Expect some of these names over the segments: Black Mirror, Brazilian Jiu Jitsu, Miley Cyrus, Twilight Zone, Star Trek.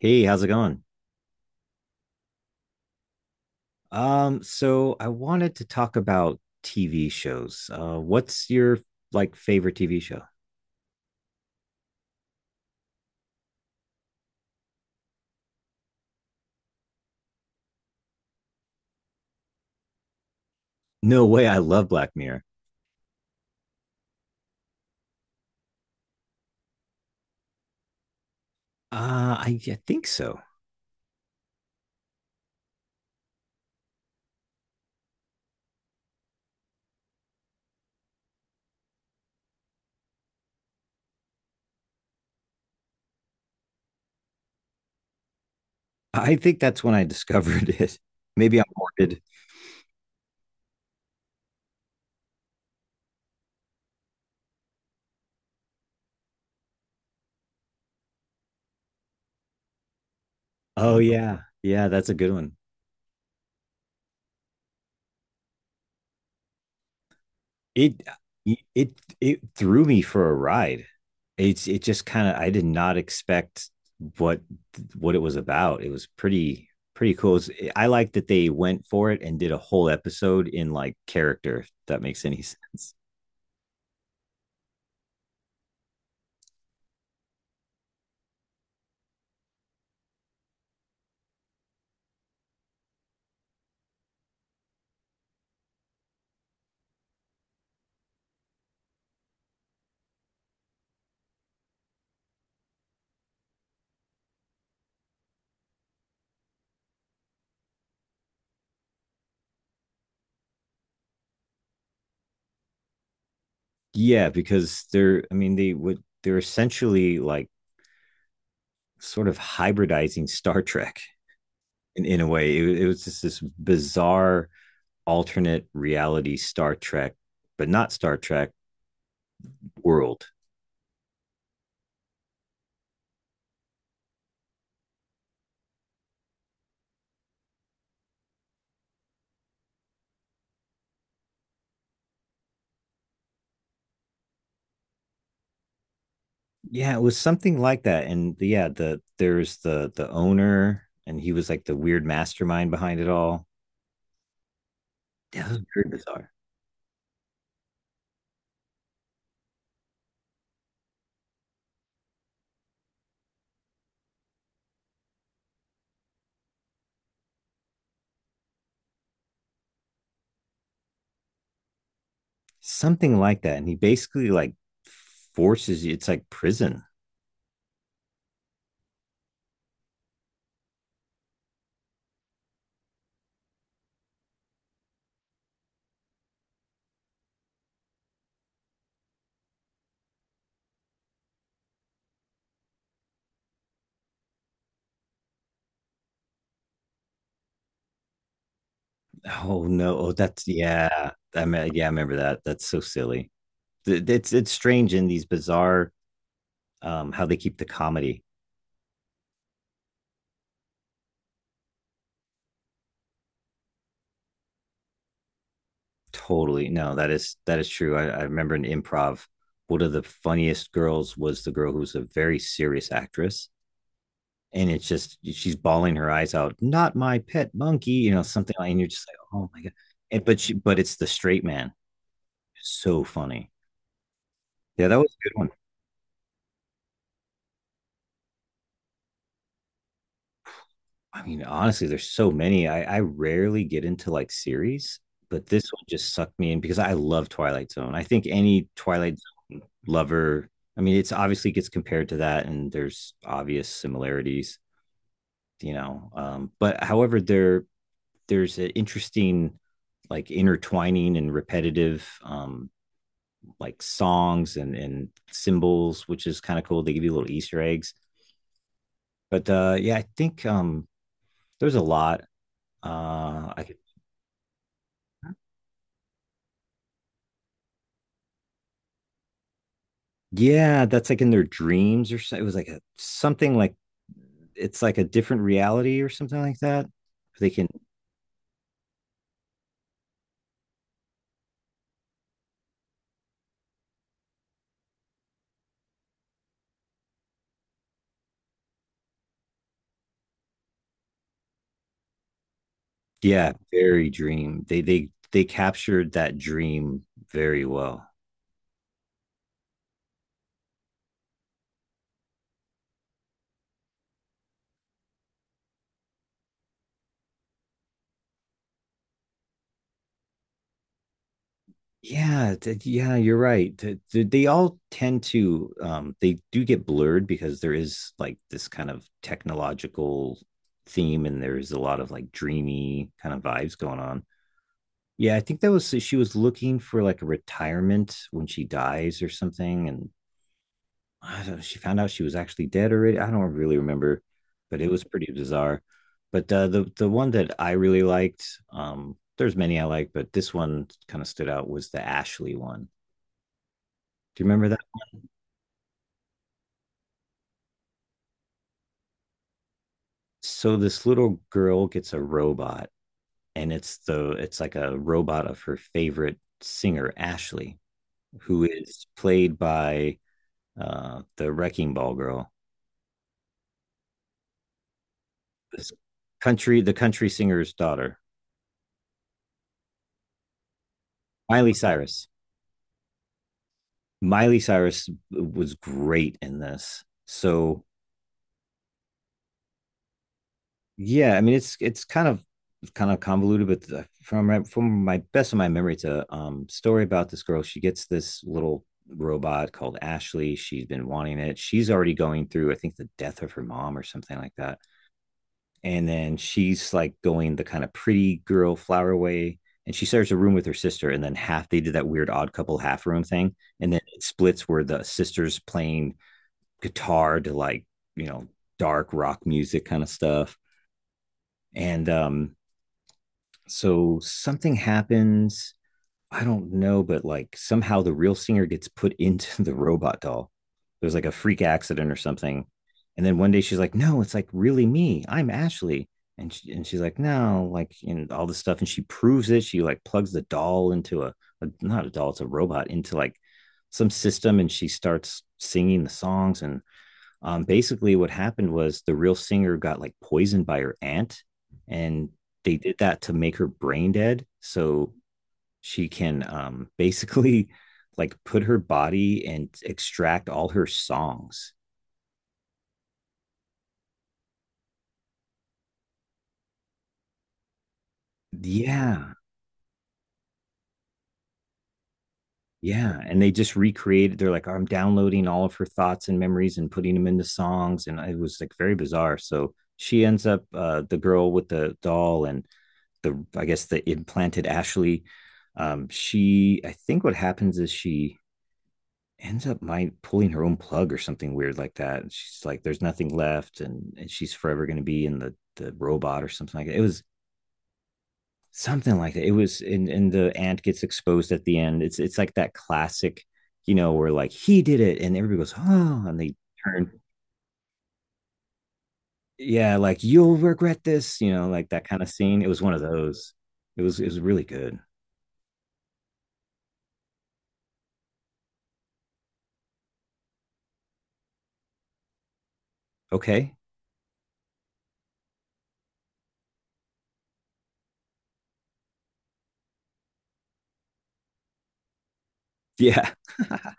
Hey, how's it going? So I wanted to talk about TV shows. What's your like favorite TV show? No way, I love Black Mirror. Uh, I think so. I think that's when I discovered it. Maybe I'm morbid. Oh yeah. Yeah, that's a good one. It it it threw me for a ride. It just kind of I did not expect what what it was about. It was pretty cool. I like that they went for it and did a whole episode in like character, if that makes any sense. Yeah, because they're I mean they would they're essentially like sort of hybridizing Star Trek in a way. It was just this bizarre alternate reality Star Trek, but not Star Trek world. Yeah, it was something like that. And yeah, there's the owner, and he was like the weird mastermind behind it all. Yeah, it was very bizarre. Something like that. And he basically like forces you. It's like prison. Oh no! Oh, that's yeah. I mean, yeah, I remember that. That's so silly. It's strange in these bizarre, how they keep the comedy. Totally. No, that is true. I remember in improv, one of the funniest girls was the girl who was a very serious actress, and it's just she's bawling her eyes out, "Not my pet monkey," something like, and you're just like, oh my god. And, but she but it's the straight man. It's so funny. Yeah, that was a good one. I mean, honestly, there's so many. I rarely get into like series, but this one just sucked me in because I love Twilight Zone. I think any Twilight Zone lover, I mean, it's obviously gets compared to that, and there's obvious similarities. But however, there's an interesting like intertwining and repetitive, like songs and symbols, which is kind of cool. They give you little Easter eggs. But yeah, I think, there's a lot. Uh, I, yeah, that's like in their dreams or so. It was like a, something like it's like a different reality or something like that. They can, yeah, very dream. They captured that dream very well. Yeah, yeah, you're right. They all tend to, they do get blurred because there is like this kind of technological theme, and there's a lot of like dreamy kind of vibes going on. Yeah, I think that was, so she was looking for like a retirement when she dies or something, and I don't know, she found out she was actually dead already. I don't really remember, but it was pretty bizarre. But the one that I really liked, there's many I like, but this one kind of stood out was the Ashley one. Do you remember that? So this little girl gets a robot, and it's like a robot of her favorite singer, Ashley, who is played by, the Wrecking Ball girl, this country the country singer's daughter, Miley Cyrus. Miley Cyrus was great in this. So, yeah, I mean, it's kind of convoluted, but from my best of my memory, it's a, story about this girl. She gets this little robot called Ashley. She's been wanting it. She's already going through, I think, the death of her mom or something like that. And then she's like going the kind of pretty girl flower way. And she shares a room with her sister, and then half they did that weird odd couple half room thing, and then it splits where the sister's playing guitar to like, you know dark rock music kind of stuff, and so something happens. I don't know, but like somehow the real singer gets put into the robot doll. There's like a freak accident or something. And then one day she's like, no, it's like really me. I'm Ashley. And she's like, no, like, and all this stuff. And she proves it. She like plugs the doll into a not a doll, it's a robot, into like some system. And she starts singing the songs. And, basically what happened was the real singer got like poisoned by her aunt, and they did that to make her brain dead so she can, basically like put her body and extract all her songs. Yeah, yeah, and they just recreated. They're like, I'm downloading all of her thoughts and memories and putting them into songs, and it was like very bizarre. So she ends up, the girl with the doll and the I guess the implanted Ashley. She I think what happens is she ends up my pulling her own plug or something weird like that. And she's like, there's nothing left, and she's forever gonna be in the robot or something like that. It was something like that. It was and the ant gets exposed at the end. It's like that classic, you know, where like he did it and everybody goes, "Oh," and they turn, yeah, like, "You'll regret this," you know, like that kind of scene. It was one of those. It was really good. Okay. Yeah.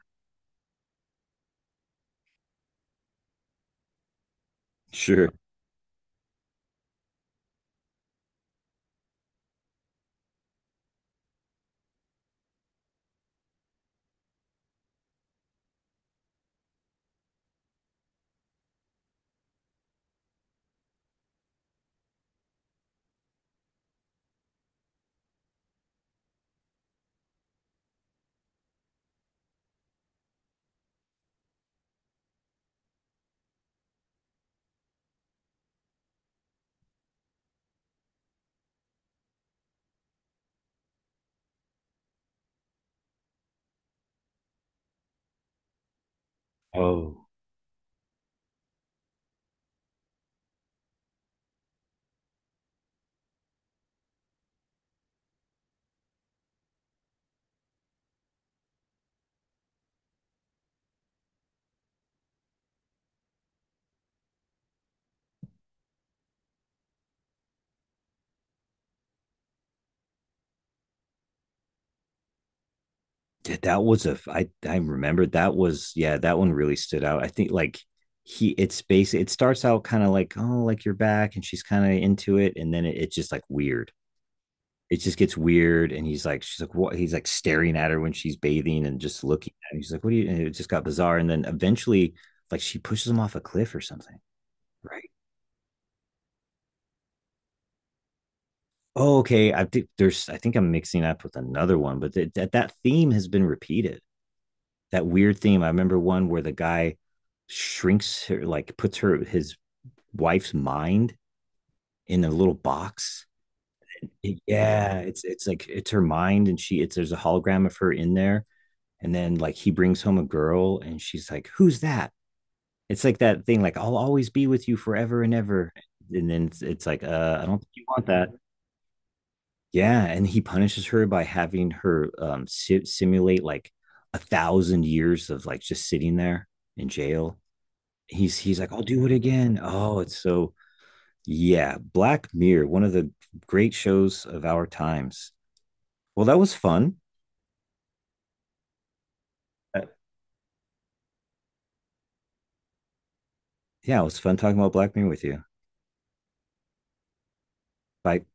Sure. Oh, dude, that was a I remember that was, yeah, that one really stood out. I think like he it's basic it starts out kind of like, oh, like you're back, and she's kind of into it, and then it's just like weird. It just gets weird, and she's like, what? He's like staring at her when she's bathing and just looking at him. She's like, what do you? And it just got bizarre, and then eventually, like, she pushes him off a cliff or something, right? Oh, okay. I think I'm mixing up with another one, but that theme has been repeated, that weird theme. I remember one where the guy shrinks her, like puts her his wife's mind in a little box. Yeah, it's like it's her mind, and she it's there's a hologram of her in there, and then like he brings home a girl, and she's like, "Who's that?" It's like that thing, like, "I'll always be with you forever and ever," and then it's like, I don't think you want that. Yeah, and he punishes her by having her, si simulate like 1,000 years of like just sitting there in jail. He's like, "I'll do it again." Oh, it's so... yeah. Black Mirror, one of the great shows of our times. Well, that was fun. Uh, Yeah, it was fun talking about Black Mirror with you. Bye.